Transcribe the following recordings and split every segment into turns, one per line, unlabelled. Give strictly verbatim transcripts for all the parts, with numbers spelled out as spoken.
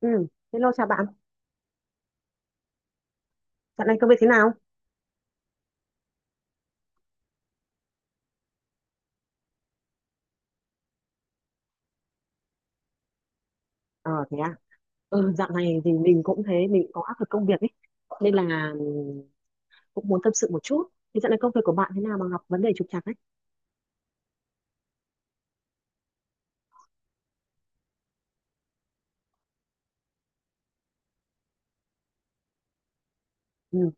Ừ, hello chào bạn. Dạo này công việc thế nào? Ờ thế à. Ừ, dạo này thì mình cũng thế, mình cũng có áp lực công việc ấy. Nên là ừm, cũng muốn tâm sự một chút. Thì dạo này công việc của bạn thế nào mà gặp vấn đề trục trặc ấy? Ừ,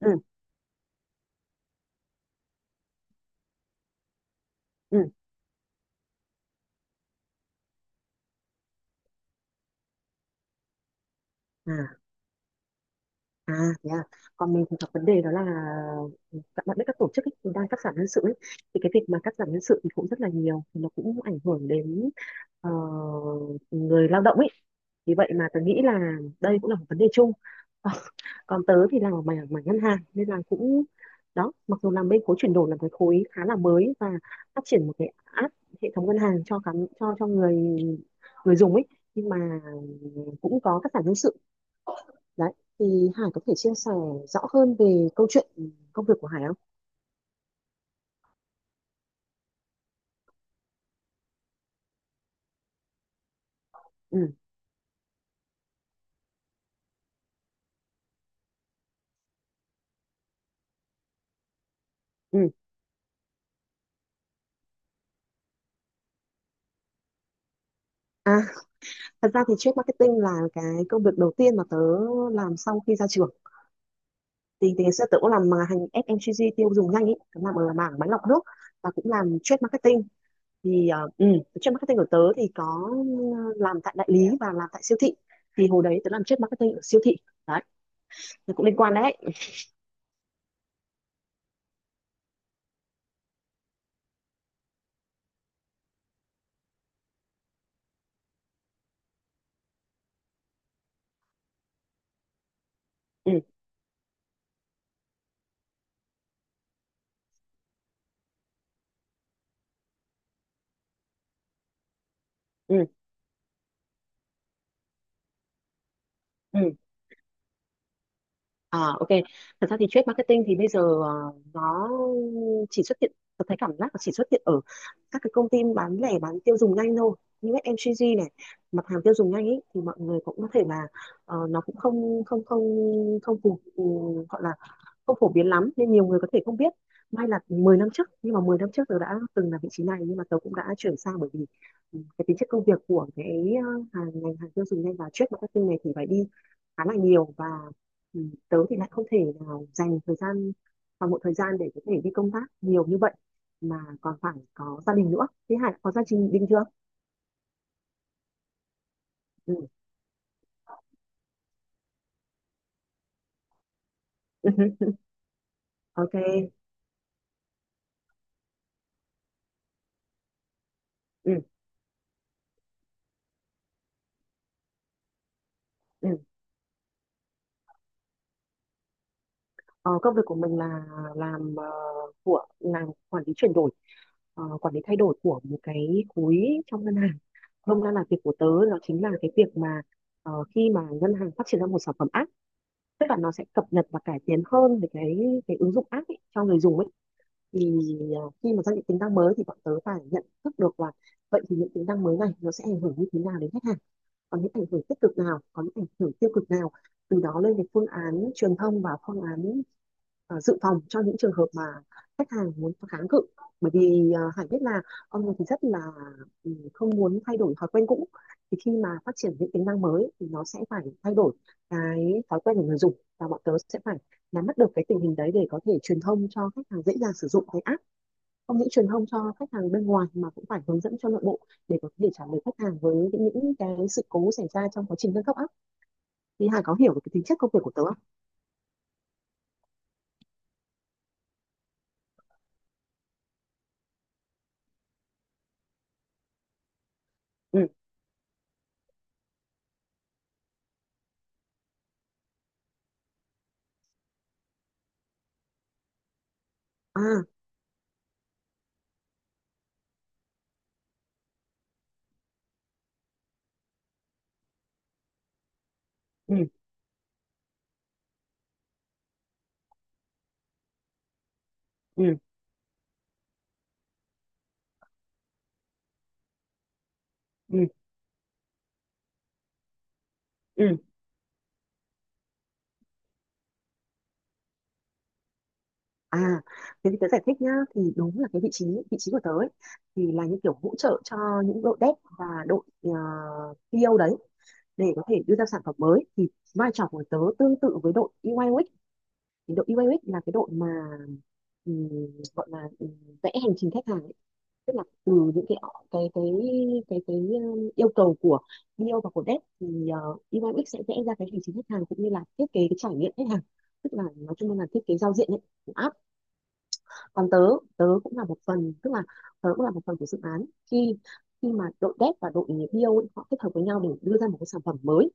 ừ, ừ. À, à thế à. Còn mình thì gặp vấn đề đó là các bạn biết các tổ chức ấy, thì đang cắt giảm nhân sự ấy. Thì cái việc mà cắt giảm nhân sự thì cũng rất là nhiều, thì nó cũng ảnh hưởng đến ờ, người lao động ấy. Vì vậy mà tôi nghĩ là đây cũng là một vấn đề chung. Còn tớ thì làm ở mảng mảng ngân hàng nên là cũng đó, mặc dù làm bên khối chuyển đổi là cái khối khá là mới và phát triển một cái app hệ thống ngân hàng cho khán cho cho người người dùng ấy, nhưng mà cũng có cắt giảm nhân sự đấy. Thì Hải có thể chia sẻ rõ hơn về câu chuyện công việc của Hải không? Ừ, ừ. À, thật ra thì trade marketing là cái công việc đầu tiên mà tớ làm sau khi ra trường. Thì ngày xưa tớ cũng làm mà hành ép em xê giê tiêu dùng nhanh ấy, tớ làm ở mảng máy lọc nước và cũng làm trade marketing. Thì ờ, ừ, trade marketing của tớ thì có ờ, làm tại đại lý và làm tại siêu thị, thì hồi đấy tớ làm trade marketing ở siêu thị đấy, nó cũng liên quan đấy. Ừ, ừ, ừ. À, ok, thật ra thì trade marketing thì bây giờ ờ, nó chỉ xuất hiện, tớ thấy cảm giác là chỉ xuất hiện ở các cái công ty bán lẻ bán tiêu dùng nhanh thôi, như ép em si gi này, mặt hàng tiêu dùng nhanh ấy, thì mọi người cũng có thể là ờ, nó cũng không không không không phù ừ, gọi là không phổ biến lắm nên nhiều người có thể không biết. May là mười năm trước, nhưng mà mười năm trước tớ đã từng là vị trí này, nhưng mà tớ cũng đã chuyển sang bởi vì ừ, cái tính chất công việc của cái ờ, hàng ngành hàng tiêu dùng nhanh và trade marketing này thì phải đi khá là nhiều và ừ, tớ thì lại không thể nào dành thời gian, toàn bộ thời gian để có thể đi công tác nhiều như vậy, mà còn phải có gia đình nữa. Thế Hải có gia đình chưa? Ừ. Ok. Ừ. Ừ. Ờ, công việc của mình là làm ờ, của làm quản lý chuyển đổi, ờ, quản lý thay đổi của một cái khối trong ngân hàng. Hôm nay là việc của tớ nó chính là cái việc mà ờ, khi mà ngân hàng phát triển ra một sản phẩm app, tức là nó sẽ cập nhật và cải tiến hơn về cái cái ứng dụng app ấy, cho người dùng ấy. Thì ờ, khi mà ra những tính năng mới thì bọn tớ phải nhận thức được là vậy thì những tính năng mới này nó sẽ ảnh hưởng như thế nào đến khách hàng, có những ảnh hưởng tích cực nào, có những ảnh hưởng tiêu cực nào, từ đó lên cái phương án truyền thông và phương án ờ, dự phòng cho những trường hợp mà khách hàng muốn kháng cự. Bởi vì ờ, Hải biết là con người thì rất là không muốn thay đổi thói quen cũ, thì khi mà phát triển những tính năng mới thì nó sẽ phải thay đổi cái thói quen của người dùng, và bọn tớ sẽ phải nắm bắt được cái tình hình đấy để có thể truyền thông cho khách hàng dễ dàng sử dụng cái app, không những truyền thông cho khách hàng bên ngoài mà cũng phải hướng dẫn cho nội bộ để có thể trả lời khách hàng với những, những cái sự cố xảy ra trong quá trình nâng cấp á. Thì Hà có hiểu được cái tính chất công việc của tớ không? Ừ, à, ừ, ừ, ừ, ừ. À thế thì tớ giải thích nhá, thì đúng là cái vị trí vị trí của tớ ấy, thì là như kiểu hỗ trợ cho những đội dev và đội uh, pê o đấy, để có thể đưa ra sản phẩm mới, thì vai trò của tớ tương tự với đội UI UX. Thì đội UI UX là cái đội mà ừm, gọi là ừm, vẽ hành trình khách hàng ấy. Tức là từ những cái cái cái cái cái um, yêu cầu của bio và của dev thì uh, u i ích sẽ vẽ ra cái hành trình khách hàng cũng như là thiết kế cái trải nghiệm khách hàng, tức là nói chung là thiết kế giao diện ấy, của app. Còn tớ, tớ cũng là một phần tức là tớ cũng là một phần của dự án khi khi mà đội dev và đội bio ấy, họ kết hợp với nhau để đưa ra một cái sản phẩm mới,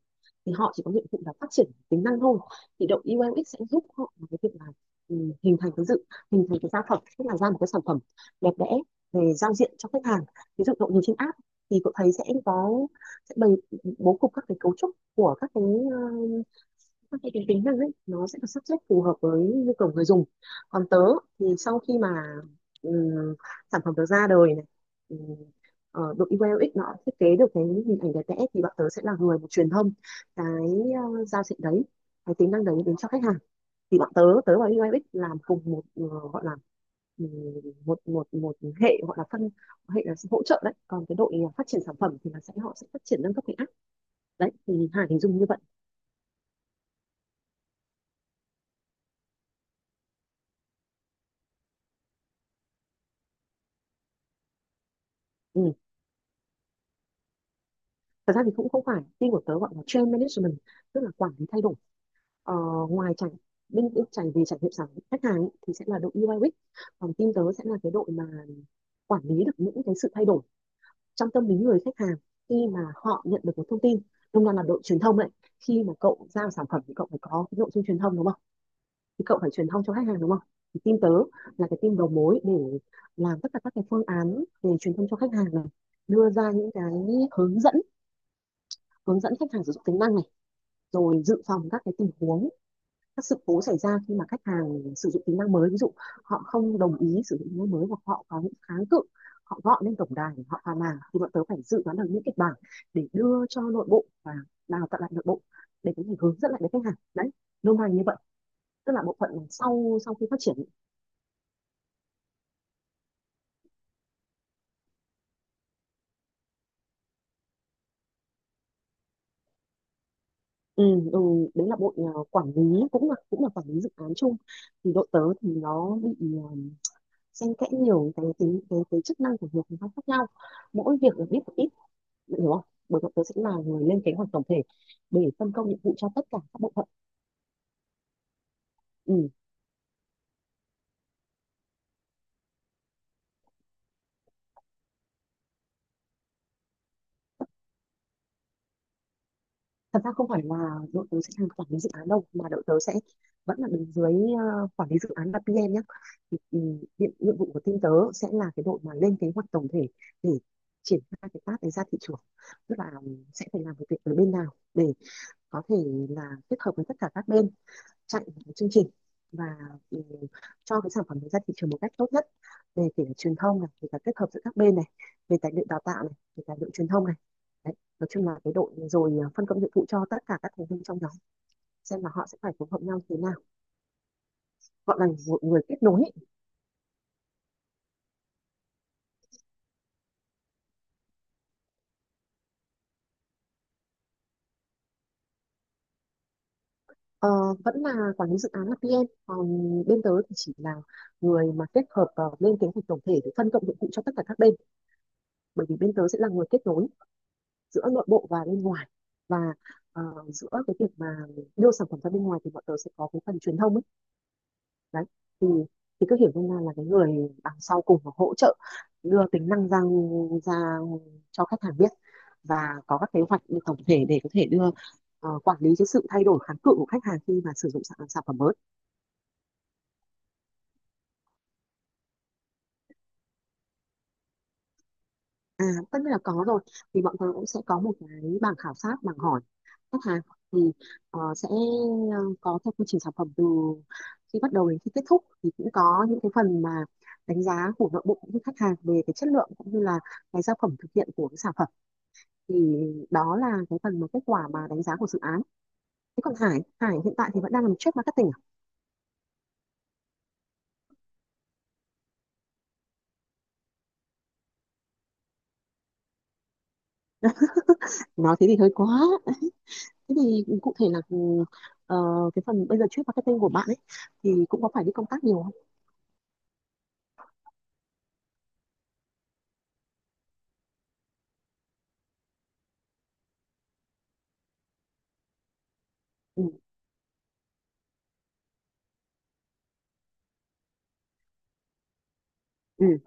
thì họ chỉ có nhiệm vụ là phát triển tính năng thôi, thì đội iu ích sẽ giúp họ vào cái việc là ừ, hình thành cái dự hình thành cái sản phẩm, tức là ra một cái sản phẩm đẹp đẽ về giao diện cho khách hàng. Ví dụ cậu nhìn trên app thì cậu thấy sẽ có, sẽ bày bố cục các cái cấu trúc của các cái ờ, thì cái tính năng ấy nó sẽ được sắp xếp phù hợp với nhu cầu người dùng. Còn tớ thì sau khi mà ừm, sản phẩm tớ ra đời này, ừm, ờ, đội u i iu ích nó thiết kế được cái hình ảnh đẹp đẽ thì bọn tớ sẽ là người mà truyền thông cái ờ, giao diện đấy, cái tính năng đấy đến cho khách hàng. Thì bọn tớ tớ và u i u ích làm cùng một ờ, gọi là ừm, một một một hệ, gọi là phân hệ, là hỗ trợ đấy. Còn cái đội phát triển sản phẩm thì là sẽ, họ sẽ phát triển nâng cấp cái app đấy. Thì Hải hình dung như vậy. Ừ. Thật ra thì cũng không phải, team của tớ gọi là change management, tức là quản lý thay đổi. Ờ, ngoài trải bên bên trải Về trải nghiệm sản khách hàng ý, thì sẽ là đội u i u ích, còn team tớ sẽ là cái đội mà quản lý được những cái sự thay đổi trong tâm lý người khách hàng khi mà họ nhận được một thông tin, đồng đoàn là đội truyền thông đấy. Khi mà cậu giao sản phẩm thì cậu phải có cái nội dung truyền thông đúng không, thì cậu phải truyền thông cho khách hàng đúng không, thì team tớ là cái team đầu mối để làm tất cả các cái phương án về truyền thông cho khách hàng này, đưa ra những cái hướng dẫn hướng dẫn khách hàng sử dụng tính năng này, rồi dự phòng các cái tình huống, các sự cố xảy ra khi mà khách hàng sử dụng tính năng mới, ví dụ họ không đồng ý sử dụng tính năng mới hoặc họ có những kháng cự, họ gọi lên tổng đài họ phàn nàn, thì bọn tớ phải dự đoán được những kịch bản để đưa cho nội bộ và đào tạo lại nội bộ để có thể hướng dẫn lại với khách hàng đấy, nôm na như vậy. Tức là bộ phận sau sau khi phát triển. ừ, ừ, Đấy là bộ ờ, quản lý cũng là cũng là quản lý dự án chung. Thì đội tớ thì nó bị ờ, xen kẽ nhiều cái tính cái, cái cái chức năng của nhiều phòng ban khác nhau, mỗi việc được biết một ít. Bạn hiểu không? Bởi vậy tớ sẽ là người lên kế hoạch tổng thể để phân công nhiệm vụ cho tất cả các bộ phận. Ừ. Thật ra không phải là đội tớ sẽ làm quản lý dự án đâu, mà đội tớ sẽ vẫn là đứng dưới ờ, quản lý dự án là pê em nhé. Thì, ừ, nhiệm, nhiệm vụ của team tớ sẽ là cái đội mà lên kế hoạch tổng thể để triển khai cái task đấy ra thị trường. Tức là ừ, sẽ phải làm việc ở bên nào để có thể là kết hợp với tất cả các bên, chặn chương trình, và ừ, cho cái sản phẩm đấy ra thị trường một cách tốt nhất, về kể cả truyền thông này, về cả kết hợp giữa các bên này, về tài liệu đào tạo này, về tài liệu truyền thông này, đấy, nói chung là cái đội rồi ờ, phân công nhiệm vụ cho tất cả các thành viên trong nhóm, xem là họ sẽ phải phối hợp nhau thế nào, gọi là một người kết nối. Ờ, vẫn là quản lý dự án là pi em, còn bên tớ thì chỉ là người mà kết hợp ờ, lên kế hoạch tổng thể để phân công nhiệm vụ cho tất cả các bên, bởi vì bên tớ sẽ là người kết nối giữa nội bộ và bên ngoài, và ờ, giữa cái việc mà đưa sản phẩm ra bên ngoài thì bọn tớ sẽ có cái phần truyền thông ấy. Đấy, thì thì cứ hiểu nôm na là cái người đằng sau cùng và hỗ trợ đưa tính năng ra ra cho khách hàng biết, và có các kế hoạch tổng thể để có thể đưa ờ, quản lý cái sự thay đổi kháng cự của khách hàng khi mà sử dụng sản, sản phẩm mới. À, tất nhiên là có rồi, thì bọn tôi cũng sẽ có một cái bảng khảo sát, bảng hỏi khách hàng, thì ờ, sẽ ờ, có theo quy trình sản phẩm từ khi bắt đầu đến khi kết thúc, thì cũng có những cái phần mà đánh giá của nội bộ cũng như khách hàng về cái chất lượng cũng như là cái sản phẩm thực hiện của cái sản phẩm, thì đó là cái phần mà kết quả mà đánh giá của dự án. Thế còn Hải Hải hiện tại thì vẫn đang làm trade marketing à? Nói thế thì hơi quá. Thế thì cụ thể là ừ, ờ, cái phần bây giờ trade marketing của bạn ấy thì cũng có phải đi công tác nhiều không? Ừ. Ừ.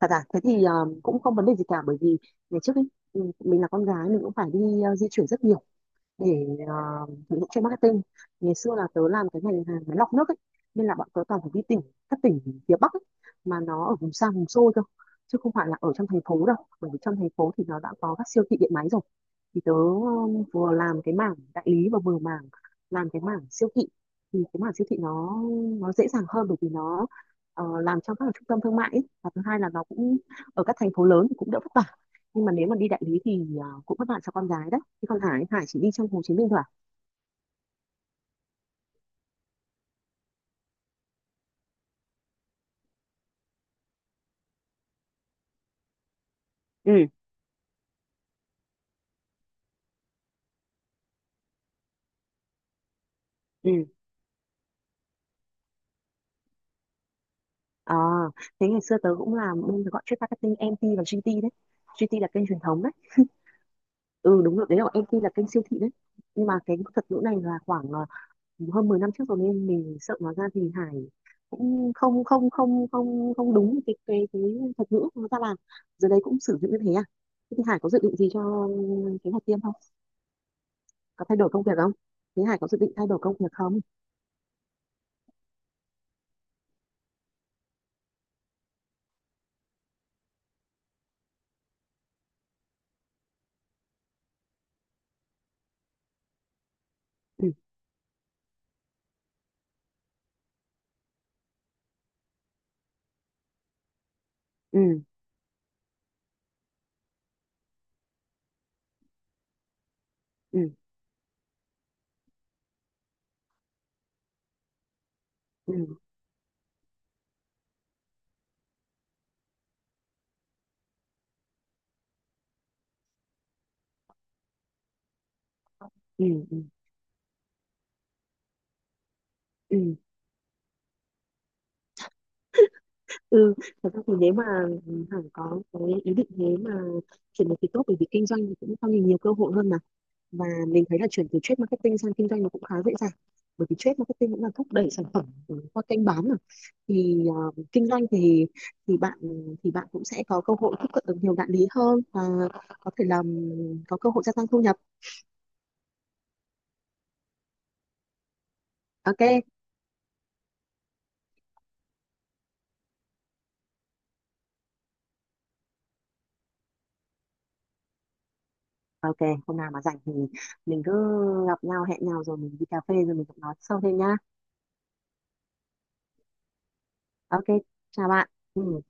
Thật à? Thế thì ờ, cũng không vấn đề gì cả, bởi vì ngày trước ấy, ừ, mình là con gái, mình cũng phải đi ờ, di chuyển rất nhiều để uh, sử dụng cho marketing. Ngày xưa là tớ làm cái ngành hàng máy lọc nước ấy, nên là bọn tớ toàn phải đi tỉnh, các tỉnh phía Bắc ấy, mà nó ở vùng xa vùng xôi thôi, chứ không phải là ở trong thành phố đâu, bởi vì trong thành phố thì nó đã có các siêu thị điện máy rồi, thì tớ um, vừa làm cái mảng đại lý và vừa mảng làm cái mảng siêu thị, thì cái mảng siêu thị nó nó dễ dàng hơn, bởi vì nó ờ, làm trong các trung tâm thương mại ấy. Và thứ hai là nó cũng ở các thành phố lớn thì cũng đỡ vất vả, nhưng mà nếu mà đi đại lý thì à, cũng vất vả cho con gái đấy, chứ còn Hải Hải chỉ đi trong Hồ Chí Minh thôi à? Ừ. Ừ. À, thế ngày xưa tớ cũng làm bên gọi trade marketing em ti và gi ti đấy, gi ti là kênh truyền thống đấy. Ừ, đúng rồi, đấy là em ti là kênh siêu thị đấy, nhưng mà cái thuật ngữ này là khoảng à, hơn mười năm trước rồi, nên mình sợ nói ra thì Hải cũng không không không không không đúng cái cái cái thuật ngữ nó ra làm giờ đấy cũng sử dụng như thế à? Thế thì Hải có dự định gì cho kế hoạch tiêm không? Có thay đổi công việc không? Thế Hải có dự định thay đổi công việc không? Ừ. Ừ. Ừ. Ừ. Ừ. Ừ. Ừ. Ừ, thật ra thì nếu mà Hằng có cái ý định thế mà chuyển được thì tốt, bởi vì kinh doanh thì cũng cho mình nhiều cơ hội hơn mà, và mình thấy là chuyển từ trade marketing sang kinh doanh nó cũng khá dễ dàng, bởi vì trade marketing cũng là thúc đẩy sản phẩm ừ, qua kênh bán mà, thì ờ, kinh doanh thì thì bạn thì bạn cũng sẽ có cơ hội tiếp cận được nhiều đại lý hơn và có thể làm có cơ hội gia tăng thu nhập. Ok. Ok, hôm nào mà rảnh thì mình cứ gặp nhau, hẹn nhau rồi mình đi cà phê rồi mình cũng nói sâu thêm nhá. Ok, chào bạn. Ừ.